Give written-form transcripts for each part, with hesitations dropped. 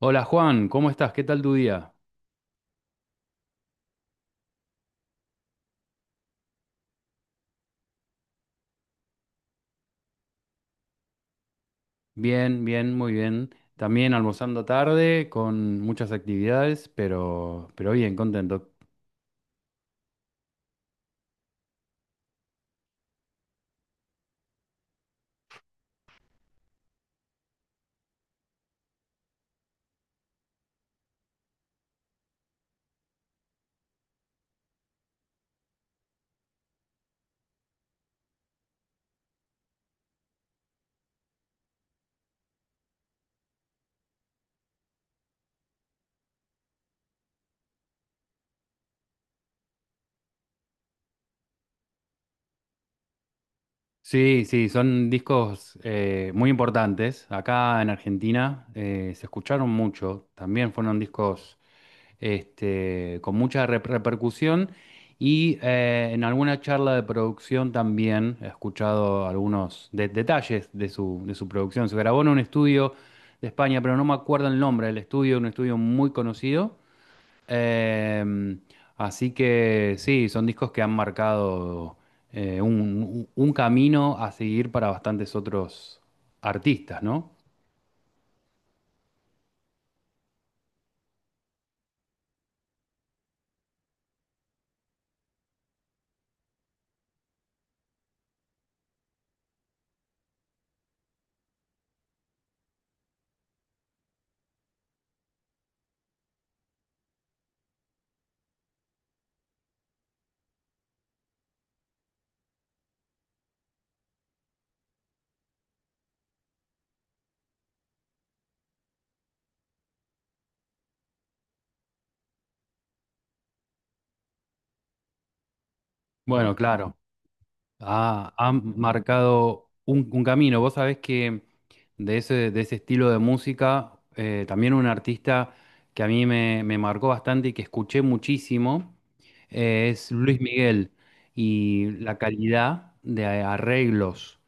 Hola Juan, ¿cómo estás? ¿Qué tal tu día? Bien, bien, muy bien. También almorzando tarde con muchas actividades, pero bien, contento. Sí, sí, son discos muy importantes. Acá en Argentina se escucharon mucho. También fueron discos con mucha repercusión. Y en alguna charla de producción también he escuchado algunos detalles de su producción. Se grabó en un estudio de España, pero no me acuerdo el nombre del estudio, un estudio muy conocido. Eh, así que sí, son discos que han marcado un camino a seguir para bastantes otros artistas, ¿no? Bueno, claro. Ah, han marcado un camino. Vos sabés que de ese estilo de música, también un artista que a mí me marcó bastante y que escuché muchísimo, es Luis Miguel. Y la calidad de arreglos,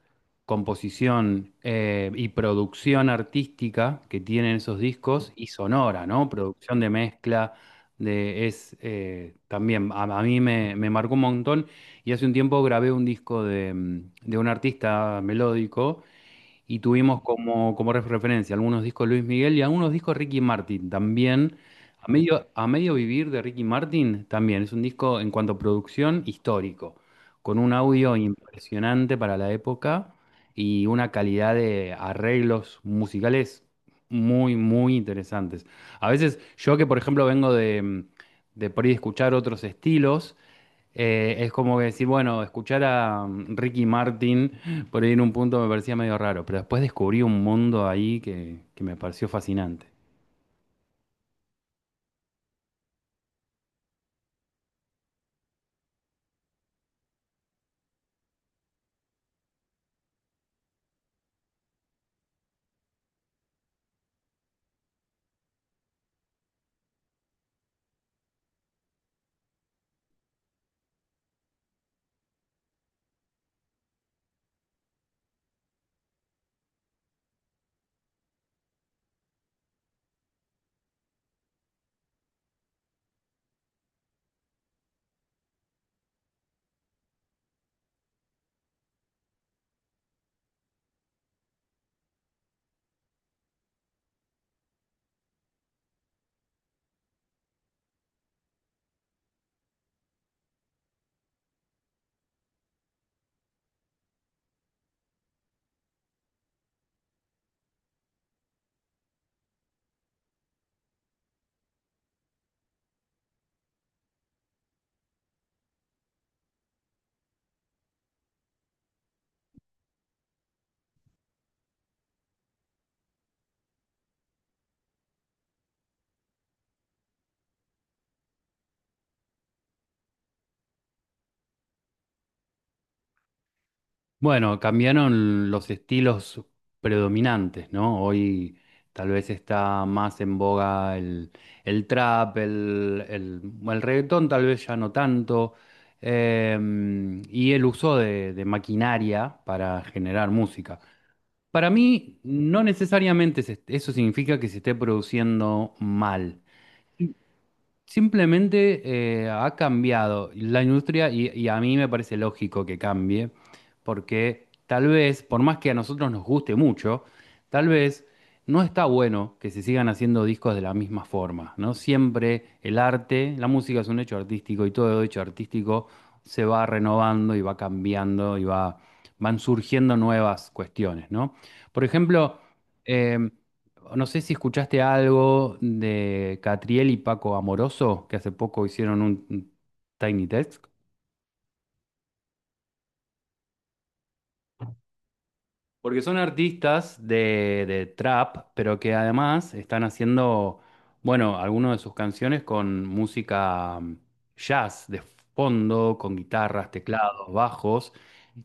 composición, y producción artística que tienen esos discos y sonora, ¿no? Producción de mezcla, es también, a mí me marcó un montón. Y hace un tiempo grabé un disco de un artista melódico y tuvimos como referencia algunos discos Luis Miguel y algunos discos Ricky Martin también. A medio vivir de Ricky Martin también. Es un disco en cuanto a producción histórico, con un audio impresionante para la época y una calidad de arreglos musicales muy, muy interesantes. A veces yo que, por ejemplo, vengo de por ahí escuchar otros estilos, es como que decir, bueno, escuchar a Ricky Martin por ahí en un punto me parecía medio raro, pero después descubrí un mundo ahí que me pareció fascinante. Bueno, cambiaron los estilos predominantes, ¿no? Hoy tal vez está más en boga el trap, bueno, el reggaetón tal vez ya no tanto, eh, y el uso de maquinaria para generar música. Para mí, no necesariamente eso significa que se esté produciendo mal. Simplemente ha cambiado la industria y a mí me parece lógico que cambie, porque tal vez, por más que a nosotros nos guste mucho, tal vez no está bueno que se sigan haciendo discos de la misma forma, ¿no? Siempre el arte, la música es un hecho artístico y todo hecho artístico se va renovando y va cambiando y van surgiendo nuevas cuestiones, ¿no? Por ejemplo, em, no sé si escuchaste algo de Catriel y Paco Amoroso, que hace poco hicieron un Tiny Desk. Porque son artistas de trap, pero que además están haciendo, bueno, algunas de sus canciones con música jazz de fondo, con guitarras, teclados, bajos.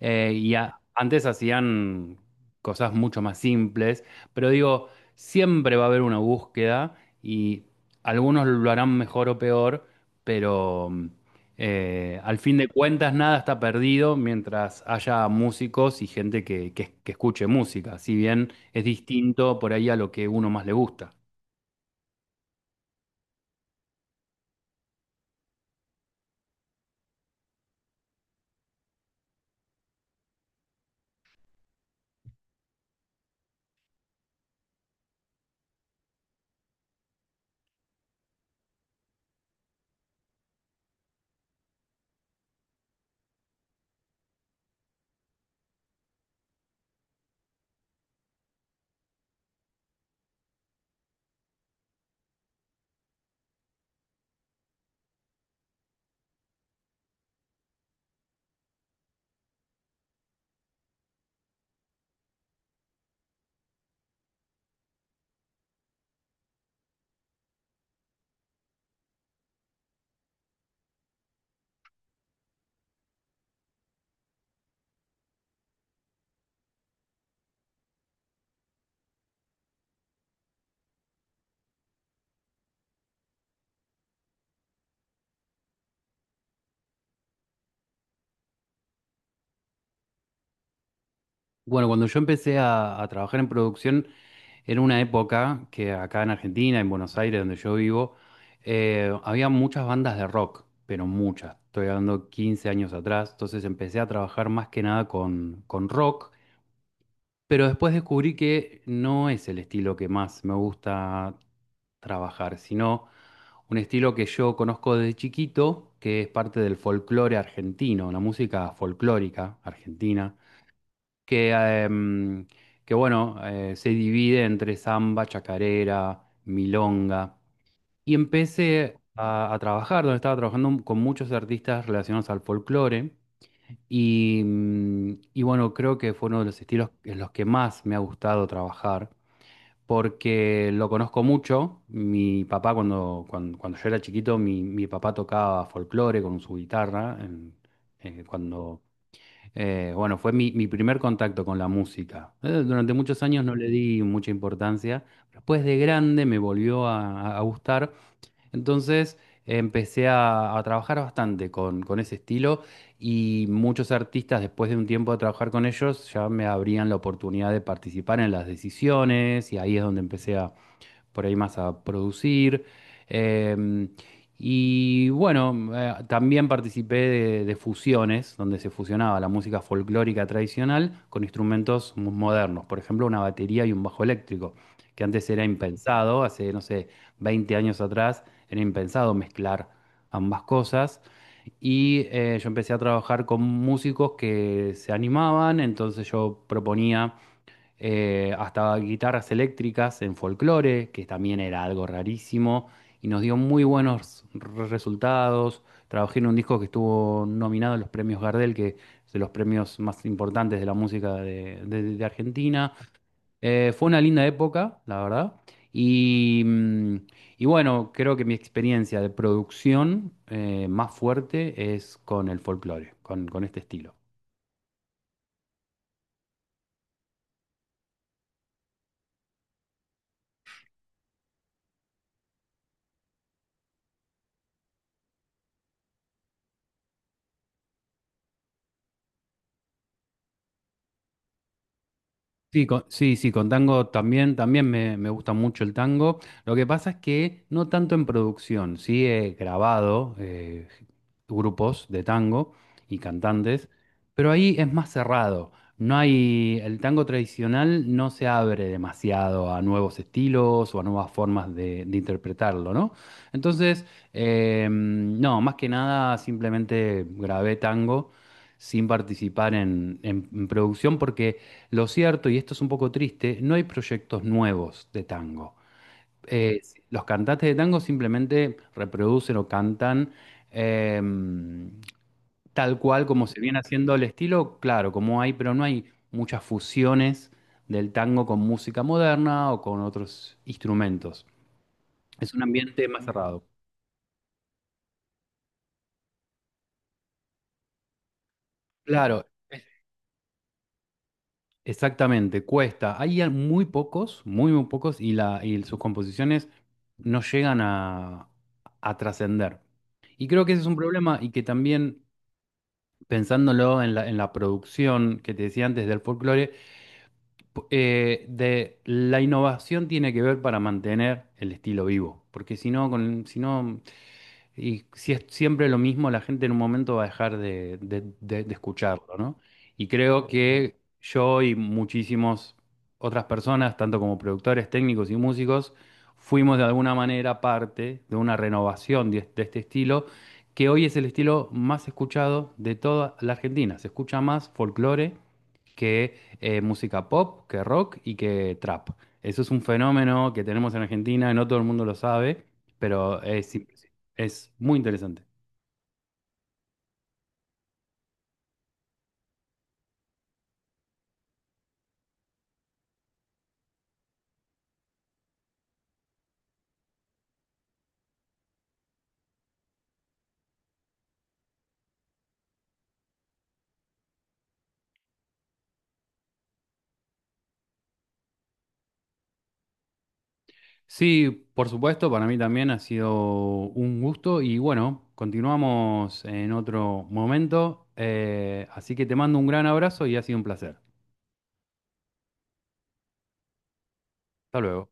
Y antes hacían cosas mucho más simples, pero digo, siempre va a haber una búsqueda y algunos lo harán mejor o peor, pero... mm, al fin de cuentas, nada está perdido mientras haya músicos y gente que escuche música, si bien es distinto por ahí a lo que uno más le gusta. Bueno, cuando yo empecé a trabajar en producción, era una época que acá en Argentina, en Buenos Aires, donde yo vivo, había muchas bandas de rock, pero muchas. Estoy hablando 15 años atrás, entonces empecé a trabajar más que nada con rock. Pero después descubrí que no es el estilo que más me gusta trabajar, sino un estilo que yo conozco desde chiquito, que es parte del folclore argentino, la música folclórica argentina, que, em, que bueno, se divide entre samba, chacarera, milonga. Y empecé a trabajar, donde estaba trabajando con muchos artistas relacionados al folclore. Y bueno, creo que fue uno de los estilos en los que más me ha gustado trabajar, porque lo conozco mucho. Mi papá, cuando yo era chiquito, mi papá tocaba folclore con su guitarra. Eh, cuando, bueno, fue mi primer contacto con la música. Durante muchos años no le di mucha importancia. Después de grande me volvió a gustar, entonces empecé a trabajar bastante con ese estilo y muchos artistas después de un tiempo de trabajar con ellos ya me abrían la oportunidad de participar en las decisiones y ahí es donde empecé por ahí más a producir. Em, y bueno, también participé de fusiones, donde se fusionaba la música folclórica tradicional con instrumentos modernos, por ejemplo, una batería y un bajo eléctrico, que antes era impensado, hace, no sé, 20 años atrás era impensado mezclar ambas cosas. Y yo empecé a trabajar con músicos que se animaban, entonces yo proponía hasta guitarras eléctricas en folclore, que también era algo rarísimo, y nos dio muy buenos resultados. Trabajé en un disco que estuvo nominado a los premios Gardel, que es de los premios más importantes de la música de Argentina. Fue una linda época, la verdad. Y, mm, y bueno, creo que mi experiencia de producción más fuerte es con el folclore, con este estilo. Sí, sí, sí, con tango también, también me gusta mucho el tango. Lo que pasa es que no tanto en producción, sí he grabado grupos de tango y cantantes, pero ahí es más cerrado. No hay. El tango tradicional no se abre demasiado a nuevos estilos o a nuevas formas de interpretarlo, ¿no? Entonces, no, más que nada simplemente grabé tango sin participar en en producción porque. Lo cierto, y esto es un poco triste, no hay proyectos nuevos de tango. Eh, los cantantes de tango simplemente reproducen o cantan eh, tal cual como se viene haciendo el estilo, claro, como hay, pero no hay muchas fusiones del tango con música moderna o con otros instrumentos. Es un ambiente más cerrado. Claro, exactamente, cuesta. Hay muy pocos, muy, muy pocos, y sus composiciones no llegan a trascender. Y creo que ese es un problema y que también, pensándolo en la, producción que te decía antes del folclore, de la innovación tiene que ver para mantener el estilo vivo. Porque si no y si es siempre lo mismo, la gente en un momento va a dejar de escucharlo, ¿no? Y creo que yo y muchísimas otras personas, tanto como productores, técnicos y músicos, fuimos de alguna manera parte de una renovación de este estilo, que hoy es el estilo más escuchado de toda la Argentina. Se escucha más folclore que música pop, que rock y que trap. Eso es un fenómeno que tenemos en Argentina, no todo el mundo lo sabe, pero es impresionante, es muy interesante. Sí, por supuesto, para mí también ha sido un gusto y bueno, continuamos en otro momento. Así que te mando un gran abrazo y ha sido un placer. Hasta luego.